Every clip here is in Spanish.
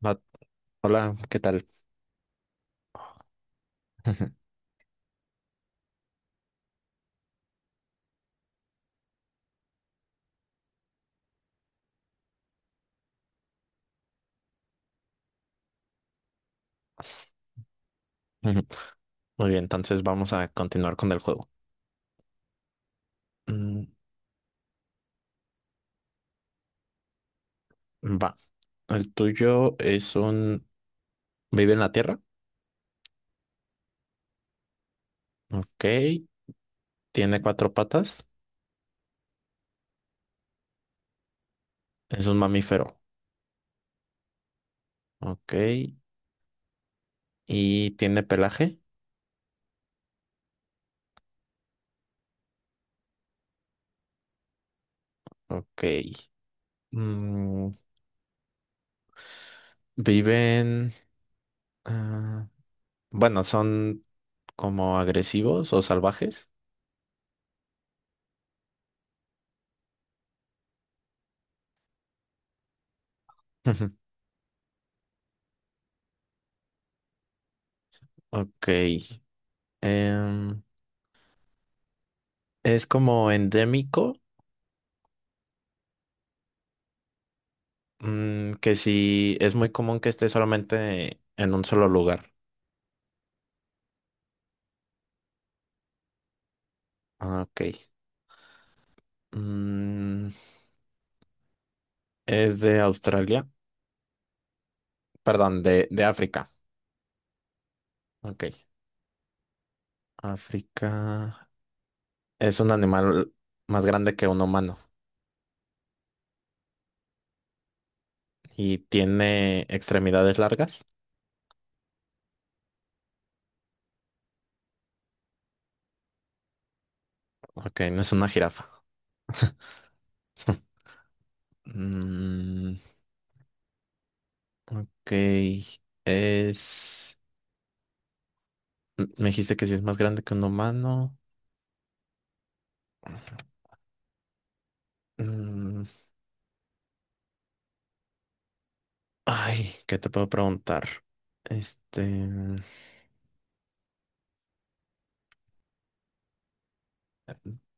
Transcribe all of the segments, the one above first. No, hola, ¿qué tal? Muy bien, entonces vamos a continuar con el juego. Mm, Va. El tuyo es un... Vive en la tierra. Ok. Tiene cuatro patas. Es un mamífero. Ok. Y tiene pelaje. Ok. Mm, Viven... ah, bueno, son como agresivos o salvajes. Ok. Em, es como endémico. Mm, que si es muy común que esté solamente en un solo lugar. Ah, ok. Mm, es de Australia, perdón, de África. Ok. África, es un animal más grande que un humano y tiene extremidades largas. Ok, no es una jirafa. Mm, ok. Es... Me dijiste que si es más grande que un humano. Mm, ay, ¿qué te puedo preguntar? Este,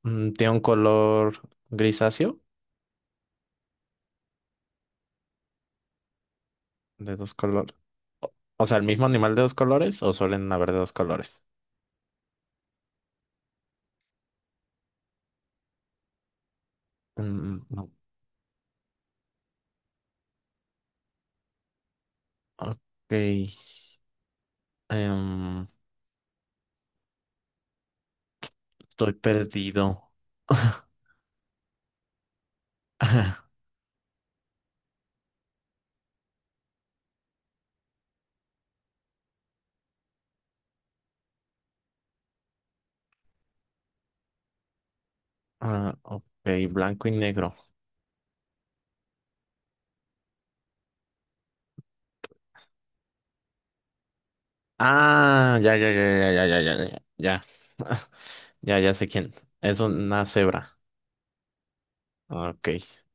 mm, tiene un color grisáceo, de dos colores. O o sea, el mismo animal de dos colores o suelen haber de dos colores. Mm, no. Ok, em, estoy perdido. Ah, ok, blanco y negro. Ah, ya, ya, ya, ya, ya, ya, ya, ya, ya. Ya, ya sé quién. Es una cebra. Ah, ok,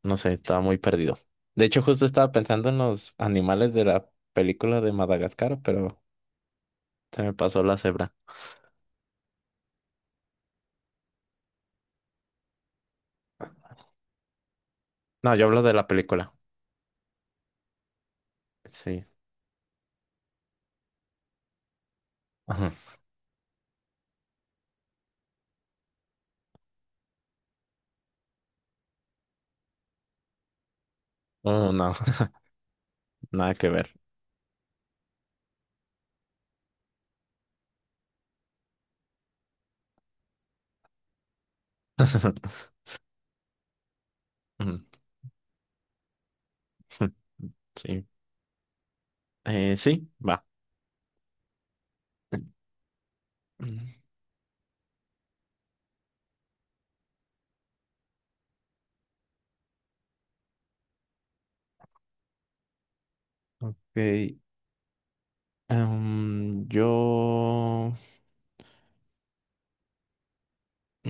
no sé, estaba muy perdido. De hecho, justo estaba pensando en los animales de la película de Madagascar, pero se me pasó la cebra. No, yo hablo de la película. Sí. Ajá. Oh, no, nada que ver. Mm, sí. Sí, va. Mm, ok. Em, yo.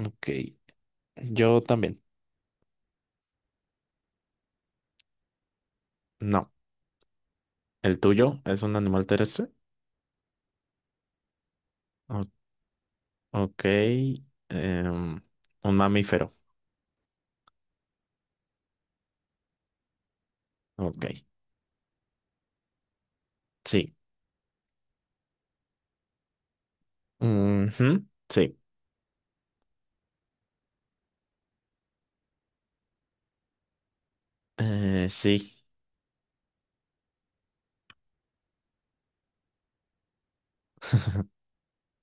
Ok. Yo también. No. ¿El tuyo es un animal terrestre? O- ok. Em, un mamífero. Ok. Sí. Ujú, sí, eh, sí,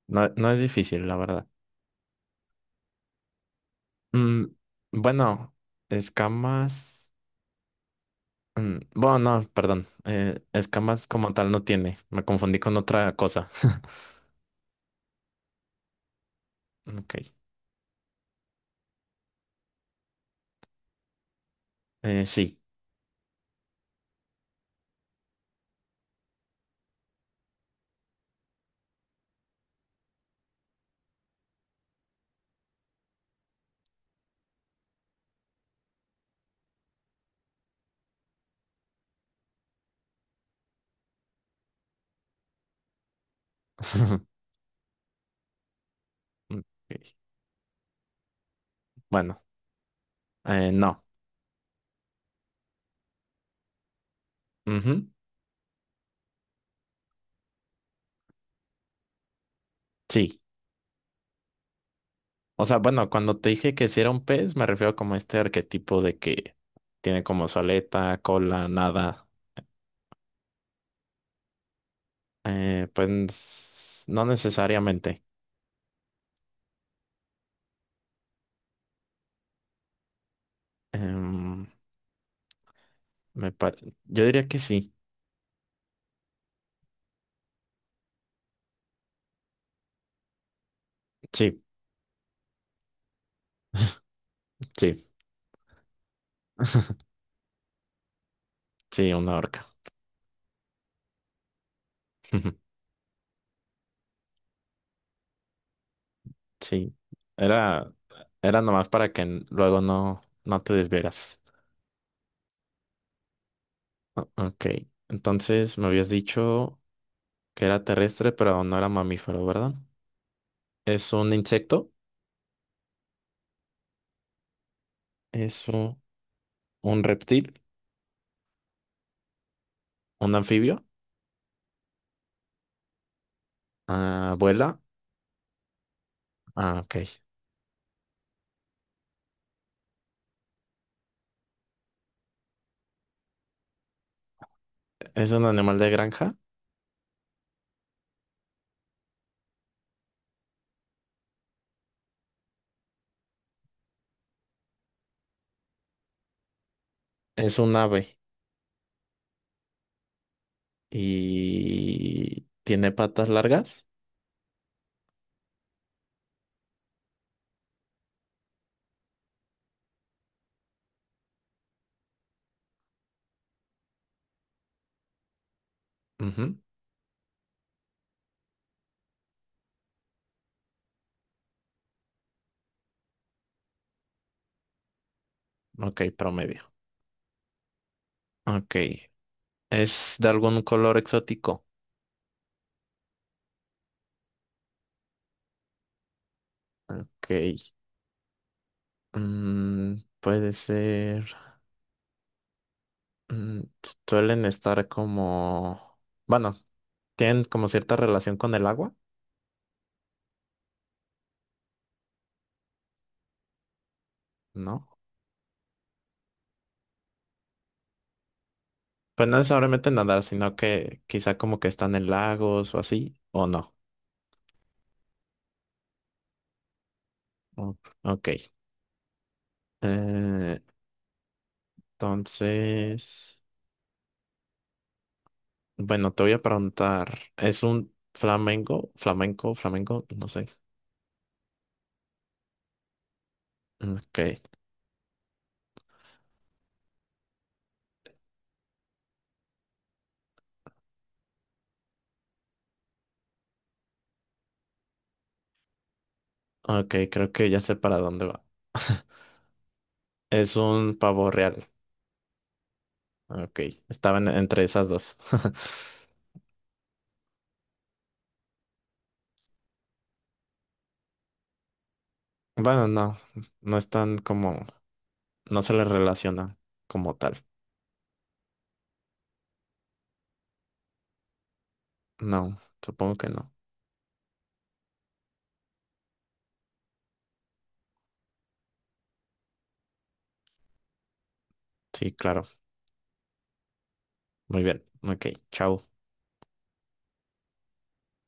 no, no es difícil, la verdad. Mm, bueno, escamas. Mm, bueno, no, perdón. Eh, escamas como tal no tiene. Me confundí con otra cosa. Ok, sí. Ok, bueno, no. Ujú, sí. O sea, bueno, cuando te dije que si era un pez, me refiero como a este arquetipo de que tiene como su aleta, cola, nada. Pues no necesariamente. Em, Me par- yo diría que sí, sí, sí, sí, una orca. Sí, era, era nomás para que n- luego no, no te desvieras. O- ok, entonces me habías dicho que era terrestre, pero no era mamífero, ¿verdad? Es un insecto, es un reptil, un anfibio, ah, vuela, ah, ok. Es un animal de granja, es un ave y tiene patas largas. Ujú, ok, promedio. Ok. ¿Es de algún color exótico? Ok. Mm, puede ser. Mm, su- suelen estar como. Bueno, tienen como cierta relación con el agua, ¿no? Pues no necesariamente nadar, sino que quizá como que están en lagos o así, o no. O- ok. Eh, entonces. Bueno, te voy a preguntar. ¿Es un flamenco? ¿Flamenco? ¿Flamenco? No sé. Ok. Ok, creo que ya sé para dónde va. Es un pavo real. Ah, ok, estaban entre esas dos. Bueno, no, no están como, no se les relaciona como tal. No, supongo que no. Sí, claro. Muy bien. Ok, chao.